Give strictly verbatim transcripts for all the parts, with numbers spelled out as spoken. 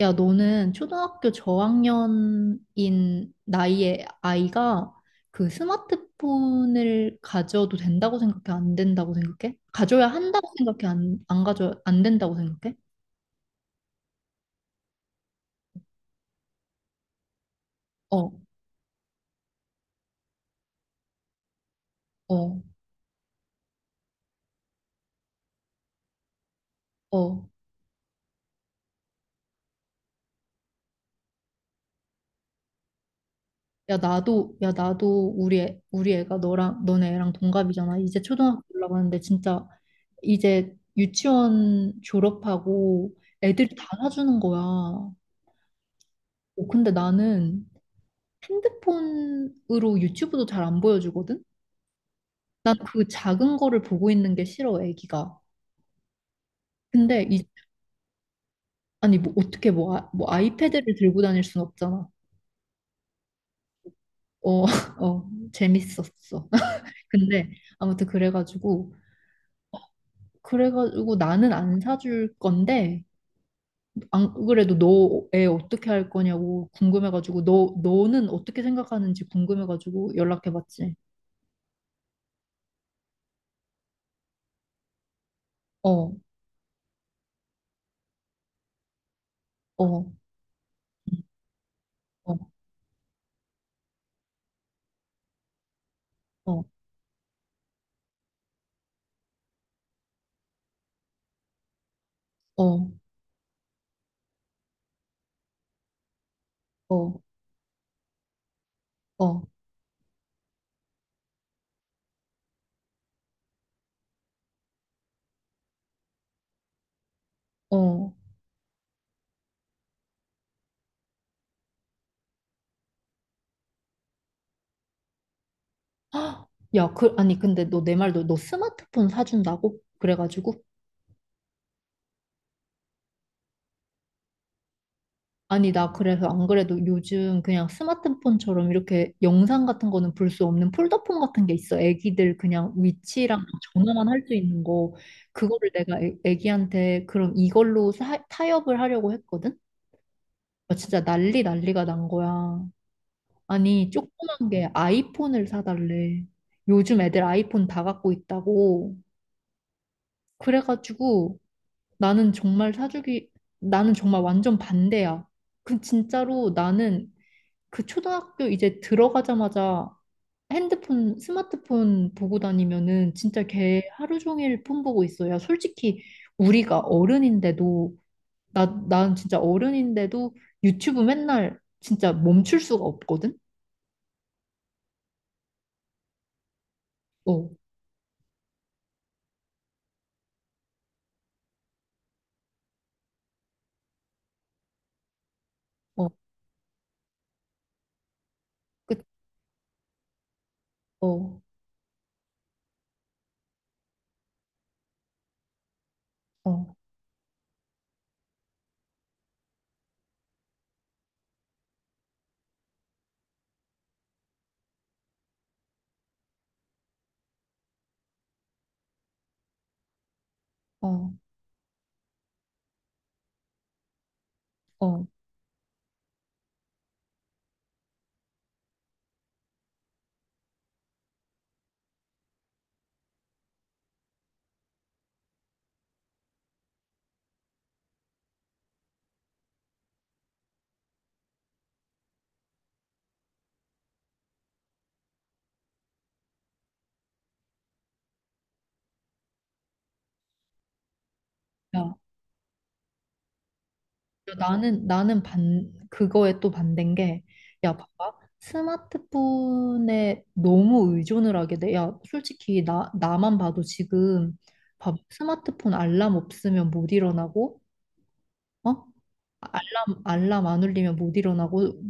야, 너는 초등학교 저학년인 나이의 아이가 그 스마트폰을 가져도 된다고 생각해? 안 된다고 생각해? 가져야 한다고 생각해? 안, 안 가져, 안 된다고 생각해? 어, 어, 어. 야, 나도, 야, 나도 우리 애, 우리 애가 너랑, 너네 애랑 동갑이잖아. 이제 초등학교 올라가는데 진짜 이제 유치원 졸업하고 애들이 다 사주는 거야. 어, 근데 나는 핸드폰으로 유튜브도 잘 안 보여주거든? 난 그 작은 거를 보고 있는 게 싫어, 애기가. 근데 이, 아니 뭐 어떻게 뭐, 아, 뭐 아이패드를 들고 다닐 순 없잖아. 어, 어, 재밌었어. 근데 아무튼 그래가지고 그래가지고 나는 안 사줄 건데 안 그래도 너 애 어떻게 할 거냐고 궁금해가지고 너 너는 어떻게 생각하는지 궁금해가지고 연락해봤지. 어, 어, 응, 어, 어, 어, 어, 어, 어. 헉, 야, 그, 아니, 근데 너 내 말도 너 스마트폰 사준다고? 그래가지고? 아니, 나 그래서 안 그래도 요즘 그냥 스마트폰처럼 이렇게 영상 같은 거는 볼 수 없는 폴더폰 같은 게 있어. 애기들 그냥 위치랑 전화만 할 수 있는 거. 그거를 내가 애, 애기한테 그럼 이걸로 사, 타협을 하려고 했거든? 아, 진짜 난리 난리가 난 거야. 아니, 조그만 게 아이폰을 사달래. 요즘 애들 아이폰 다 갖고 있다고. 그래가지고 나는 정말 사주기, 나는 정말 완전 반대야. 그 진짜로 나는 그 초등학교 이제 들어가자마자 핸드폰, 스마트폰 보고 다니면은 진짜 걔 하루 종일 폰 보고 있어. 야, 솔직히 우리가 어른인데도, 나, 난 진짜 어른인데도 유튜브 맨날 진짜 멈출 수가 없거든? 어, 어, 그 어, 어, 어, 어. 야. 나는 나는 반 그거에 또 반대인 게 야 봐봐 스마트폰에 너무 의존을 하게 돼. 야 솔직히 나 나만 봐도 지금 봐봐 스마트폰 알람 없으면 못 일어나고 어 알람 알람 안 울리면 못 일어나고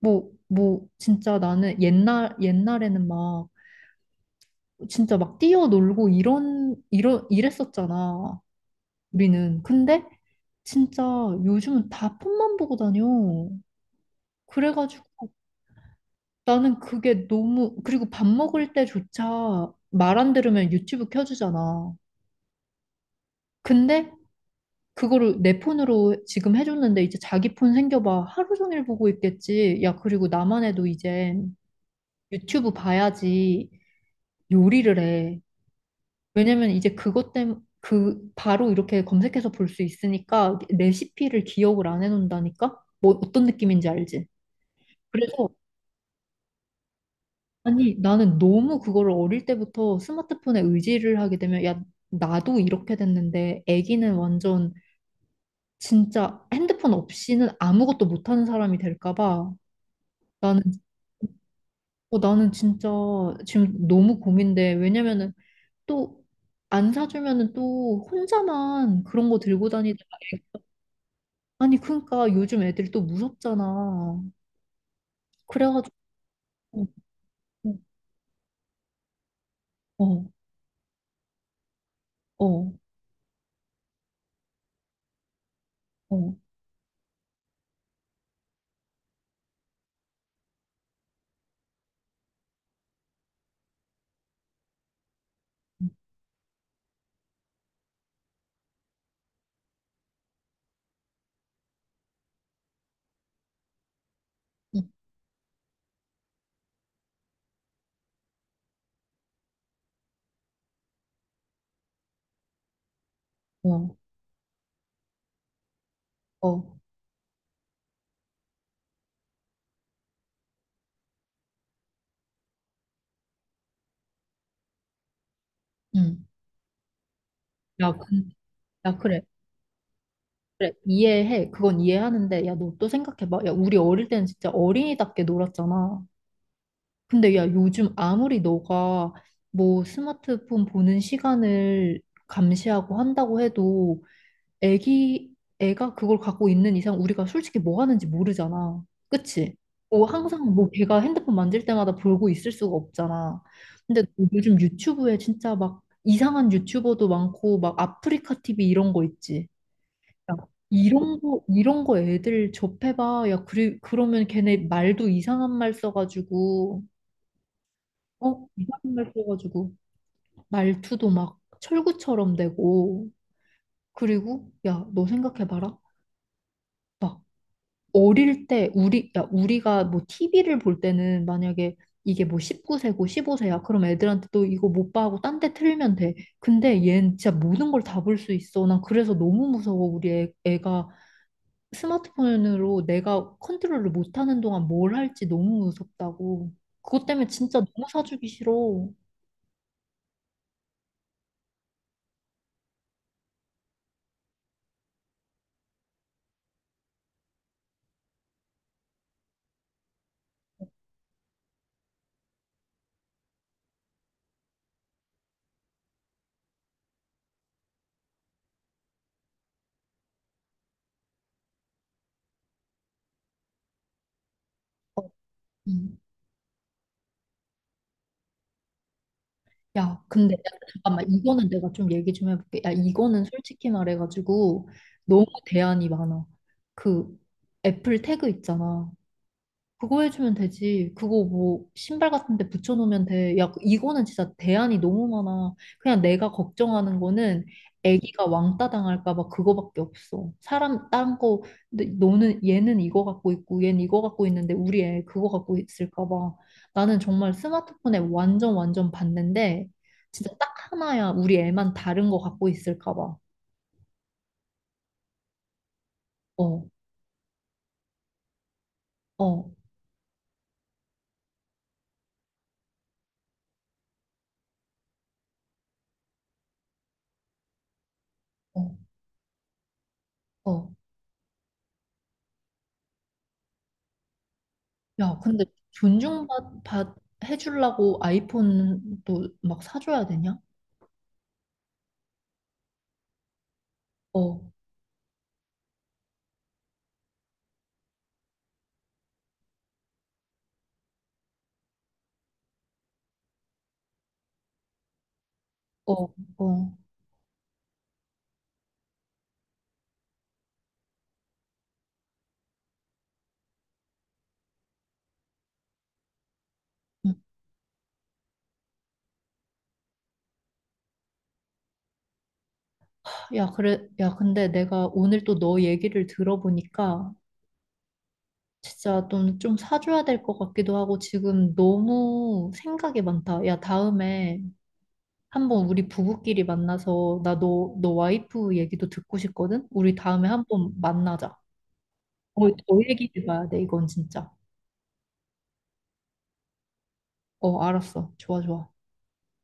뭐 뭐 진짜 나는 옛날 옛날에는 막 진짜 막 뛰어놀고 이런 이런 이랬었잖아 우리는 근데 진짜 요즘은 다 폰만 보고 다녀 그래가지고 나는 그게 너무, 그리고 밥 먹을 때조차 말 안 들으면 유튜브 켜주잖아. 근데 그거를 내 폰으로 지금 해줬는데 이제 자기 폰 생겨봐. 하루 종일 보고 있겠지. 야, 그리고 나만 해도 이제 유튜브 봐야지 요리를 해. 왜냐면 이제 그것 때문에 그 바로 이렇게 검색해서 볼 수 있으니까 레시피를 기억을 안 해놓는다니까? 뭐 어떤 느낌인지 알지? 그래서 아니, 나는 너무 그거를 어릴 때부터 스마트폰에 의지를 하게 되면, 야, 나도 이렇게 됐는데, 애기는 완전 진짜 핸드폰 없이는 아무것도 못하는 사람이 될까 봐. 나는, 어, 나는 진짜 지금 너무 고민돼. 왜냐면은 또 안 사주면은 또 혼자만 그런 거 들고 다니다가, 애- 아니, 그러니까 요즘 애들이 또 무섭잖아. 그래가지고, 어, 어, 어, 어, 어, 어, 어. 음. 야, 야, 그래. 그래. 이해해. 그건 이해하는데, 야, 너 또 생각해봐. 야, 우리 어릴 때는 진짜 어린이답게 놀았잖아. 근데 야, 요즘 아무리 너가 뭐 스마트폰 보는 시간을 감시하고 한다고 해도 애기, 애가 그걸 갖고 있는 이상 우리가 솔직히 뭐 하는지 모르잖아. 그치? 뭐 항상 뭐 걔가 핸드폰 만질 때마다 보고 있을 수가 없잖아. 근데 요즘 유튜브에 진짜 막 이상한 유튜버도 많고 막 아프리카 티비 이런 거 있지. 야, 이런 거, 이런 거 애들 접해봐. 야, 그리, 그러면 걔네 말도 이상한 말 써가지고, 어? 이상한 말 써가지고, 말투도 막 철구처럼 되고. 그리고, 야, 너 생각해봐라. 막, 어릴 때, 우리, 야, 우리가 뭐 티비를 볼 때는 만약에 이게 뭐 십구 세고 십오 세야. 그럼 애들한테 또 이거 못 봐 하고 딴 데 틀면 돼. 근데 얘는 진짜 모든 걸 다 볼 수 있어. 난 그래서 너무 무서워, 우리 애, 애가. 스마트폰으로 내가 컨트롤을 못하는 동안 뭘 할지 너무 무섭다고. 그것 때문에 진짜 너무 사주기 싫어. 음. 야, 근데 야, 잠깐만 이거는 내가 좀 얘기 좀 해볼게. 야, 이거는 솔직히 말해가지고 너무 대안이 많아. 그 애플 태그 있잖아. 그거 해주면 되지. 그거 뭐 신발 같은 데 붙여놓으면 돼. 야, 이거는 진짜 대안이 너무 많아. 그냥 내가 걱정하는 거는 애기가 왕따 당할까 봐 그거밖에 없어. 사람 딴 거, 근데 너는 얘는 이거 갖고 있고 얘는 이거 갖고 있는데 우리 애 그거 갖고 있을까 봐. 나는 정말 스마트폰에 완전 완전 봤는데 진짜 딱 하나야 우리 애만 다른 거 갖고 있을까 봐. 어, 어, 어, 어. 야, 근데 존중받 받, 해주려고 아이폰도 막 사줘야 되냐? 어, 어, 어. 응. 야, 그래, 야, 근데 내가 오늘 또 너 얘기를 들어보니까 진짜 좀, 좀 사줘야 될 것 같기도 하고 지금 너무 생각이 많다. 야, 다음에 한번 우리 부부끼리 만나서 나 너, 너 와이프 얘기도 듣고 싶거든? 우리 다음에 한번 만나자. 어, 더 얘기해봐야 돼, 이건 진짜. 어, 알았어. 좋아, 좋아.